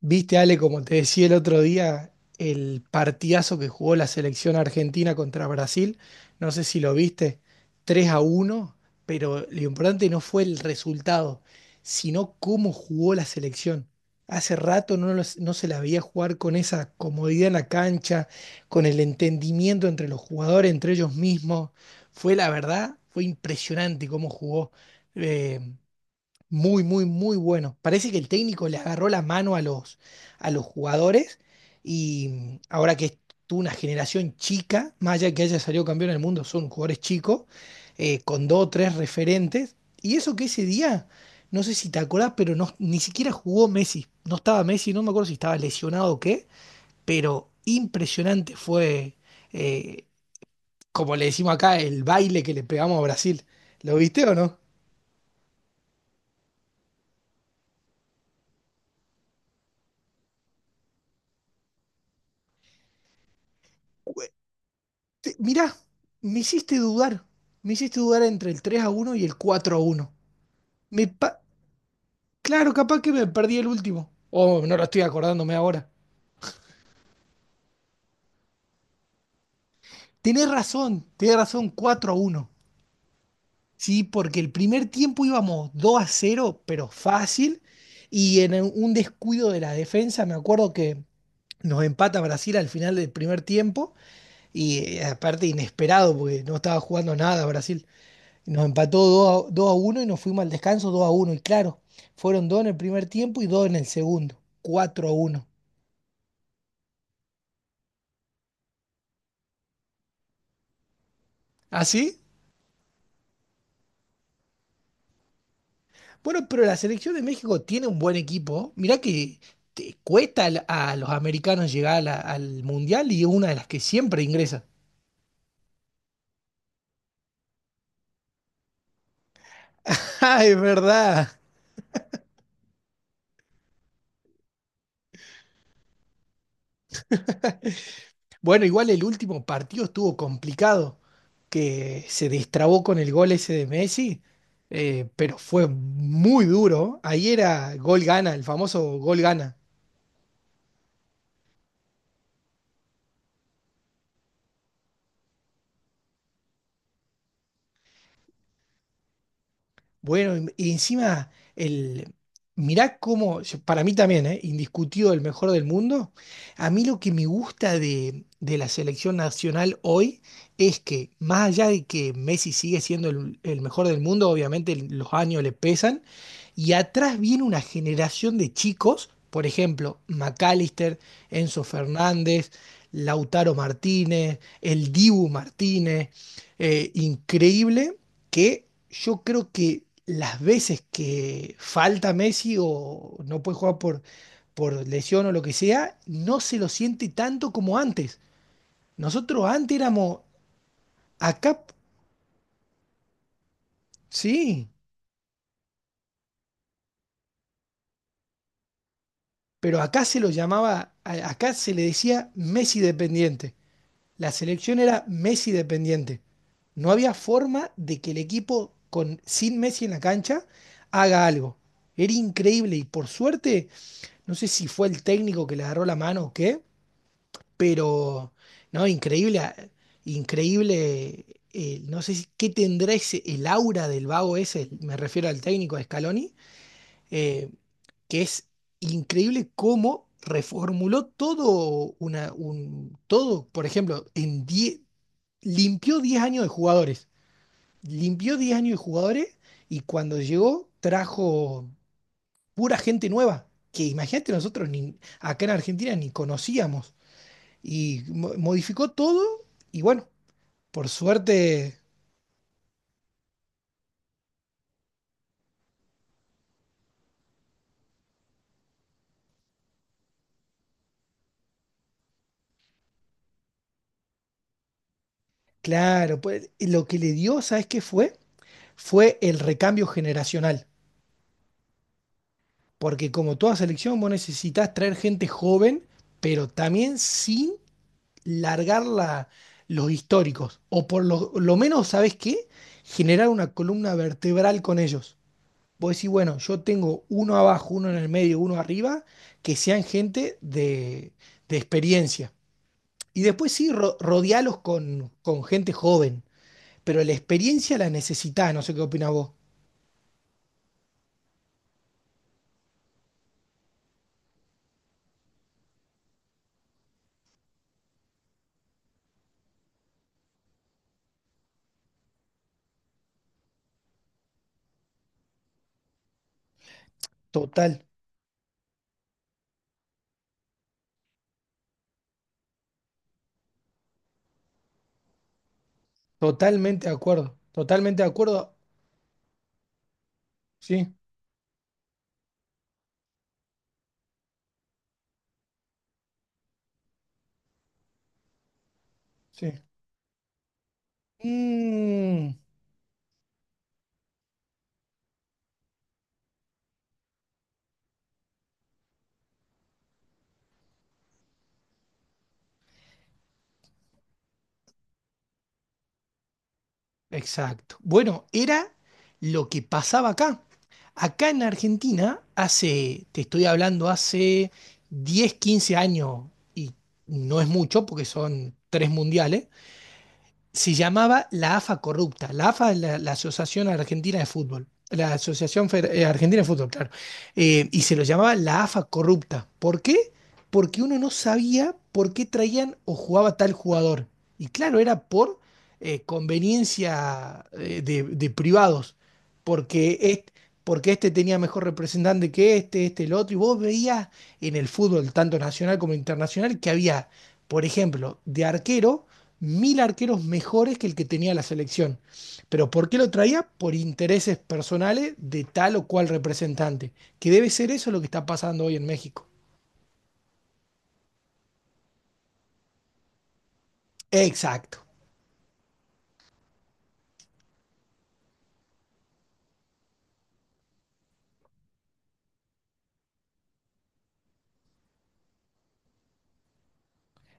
Viste, Ale, como te decía el otro día, el partidazo que jugó la selección argentina contra Brasil, no sé si lo viste, 3 a uno, pero lo importante no fue el resultado, sino cómo jugó la selección. Hace rato no, no se la veía jugar con esa comodidad en la cancha, con el entendimiento entre los jugadores, entre ellos mismos. Fue la verdad, fue impresionante cómo jugó. eh, muy, muy, muy bueno. Parece que el técnico le agarró la mano a los jugadores y ahora que es tú una generación chica, más allá de que haya salido campeón del mundo, son jugadores chicos, con dos o tres referentes. Y eso que ese día, no sé si te acordás, pero no, ni siquiera jugó Messi. No estaba Messi, no me acuerdo si estaba lesionado o qué, pero impresionante fue, eh, como le decimos acá, el baile que le pegamos a Brasil. ¿Lo viste o no? Mirá, me hiciste dudar. Me hiciste dudar entre el 3 a uno y el 4 a uno. Me pa- claro, capaz que me perdí el último. Oh, no lo estoy acordándome ahora. Tenés razón, 4 a uno. Sí, porque el primer tiempo íbamos 2 a cero, pero fácil. Y en un descuido de la defensa, me acuerdo que nos empata Brasil al final del primer tiempo. Y aparte inesperado, porque no estaba jugando nada Brasil. Nos empató 2 a uno, y nos fuimos al descanso 2 a uno. Y claro, fueron 2 en el primer tiempo y 2 en el segundo. Cuatro a 1. ¿Así? Bueno, pero la selección de México tiene un buen equipo. Mirá que a los americanos llegar al Mundial y es una de las que siempre ingresa. Ah, es verdad. Bueno, igual el último partido estuvo complicado, que se destrabó con el gol ese de Messi, pero fue muy duro. Ahí era gol gana, el famoso gol gana. Bueno, y encima, el, mirá cómo, para mí también, ¿eh? Indiscutido el mejor del mundo. A mí lo que me gusta de la selección nacional hoy es que, más allá de que Messi sigue siendo el mejor del mundo, obviamente los años le pesan, y atrás viene una generación de chicos, por ejemplo, McAllister, Enzo Fernández, Lautaro Martínez, el Dibu Martínez. Increíble que yo creo que las veces que falta Messi o no puede jugar por lesión o lo que sea, no se lo siente tanto como antes. Nosotros antes éramos acá, sí, pero acá se lo llamaba, acá se le decía Messi dependiente. La selección era Messi dependiente. No había forma de que el equipo sin Messi en la cancha haga algo. Era increíble y por suerte. No sé si fue el técnico que le agarró la mano o qué, pero no, increíble, increíble. No sé si- qué tendrá ese, el aura del vago ese, me refiero al técnico de Scaloni, eh, que es increíble cómo reformuló todo, todo, por ejemplo, en 10 limpió 10 años de jugadores, limpió 10 años de jugadores y cuando llegó trajo pura gente nueva, que imagínate nosotros ni, acá en Argentina ni conocíamos. Y modificó todo y bueno, por suerte. Claro, pues, lo que le dio, ¿sabes qué fue? Fue el recambio generacional, porque como toda selección vos necesitas traer gente joven, pero también sin largar la- los históricos, o por lo menos, ¿sabes qué? Generar una columna vertebral con ellos. Vos decís, bueno, yo tengo uno abajo, uno en el medio, uno arriba, que sean gente de experiencia. Y después sí, rodealos con gente joven, pero la experiencia la necesitás, no sé qué opinas vos. Total, totalmente de acuerdo, totalmente de acuerdo. Sí, sí. Mm. Exacto. Bueno, era lo que pasaba acá. Acá en Argentina, hace, te estoy hablando, hace 10, 15 años, y no es mucho porque son tres mundiales, se llamaba la AFA Corrupta. La AFA es la Asociación Argentina de Fútbol. La Asociación Argentina de Fútbol, claro. Y se lo llamaba la AFA Corrupta. ¿Por qué? Porque uno no sabía por qué traían o jugaba tal jugador. Y claro, era por conveniencia, de privados. Porque, est- porque este tenía mejor representante que este, el otro. Y vos veías en el fútbol, tanto nacional como internacional, que había, por ejemplo, de arquero, mil arqueros mejores que el que tenía la selección. Pero ¿por qué lo traía? Por intereses personales de tal o cual representante, que debe ser eso lo que está pasando hoy en México. Exacto,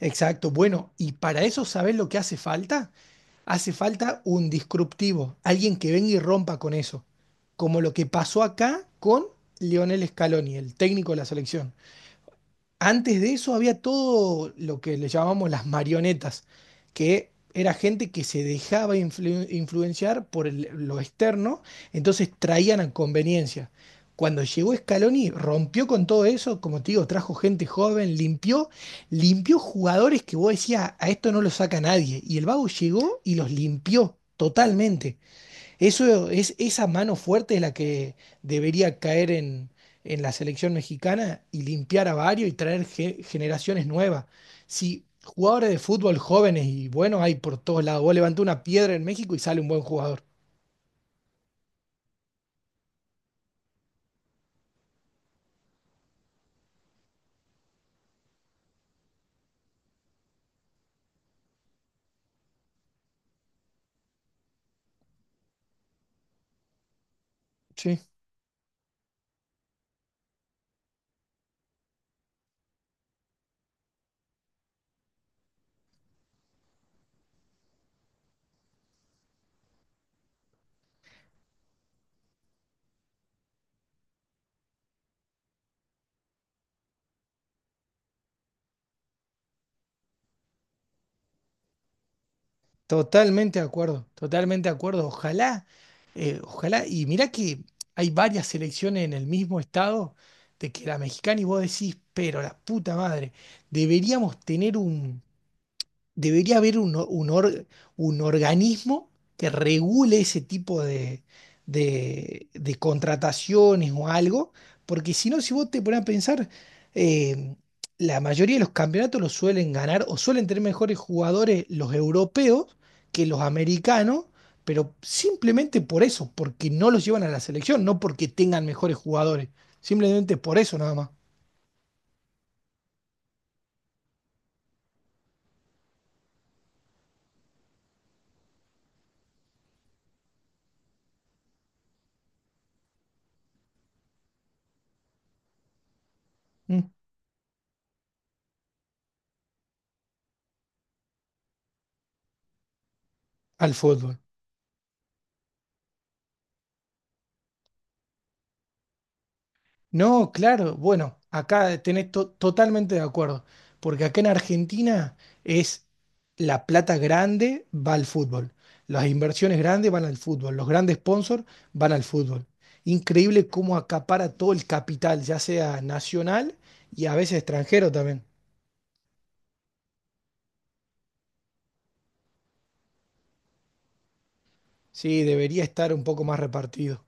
exacto. Bueno, y para eso, ¿sabes lo que hace falta? Hace falta un disruptivo, alguien que venga y rompa con eso, como lo que pasó acá con Lionel Scaloni, el técnico de la selección. Antes de eso había todo lo que le llamamos las marionetas, que era gente que se dejaba influenciar por lo externo, entonces traían a conveniencia. Cuando llegó Scaloni, rompió con todo eso, como te digo, trajo gente joven, limpió jugadores que vos decías, a esto no lo saca nadie. Y el Vago llegó y los limpió totalmente. Eso es, esa mano fuerte es la que debería caer en la selección mexicana y limpiar a varios y traer generaciones nuevas. Si jugadores de fútbol jóvenes y buenos hay por todos lados, vos levantás una piedra en México y sale un buen jugador. Sí, totalmente de acuerdo, totalmente de acuerdo. Ojalá, ojalá, y mirá que hay varias selecciones en el mismo estado de que la mexicana y vos decís, pero la puta madre, deberíamos tener debería haber un, o- un, or- un organismo que regule ese tipo de contrataciones o algo, porque si no, si vos te pones a pensar, eh, la mayoría de los campeonatos los suelen ganar o suelen tener mejores jugadores los europeos que los americanos, pero simplemente por eso, porque no los llevan a la selección, no porque tengan mejores jugadores, simplemente por eso nada más, mm, al fútbol. No, claro, bueno, acá tenés totalmente de acuerdo, porque acá en Argentina es la plata grande va al fútbol, las inversiones grandes van al fútbol, los grandes sponsors van al fútbol. Increíble cómo acapara todo el capital, ya sea nacional y a veces extranjero también. Sí, debería estar un poco más repartido.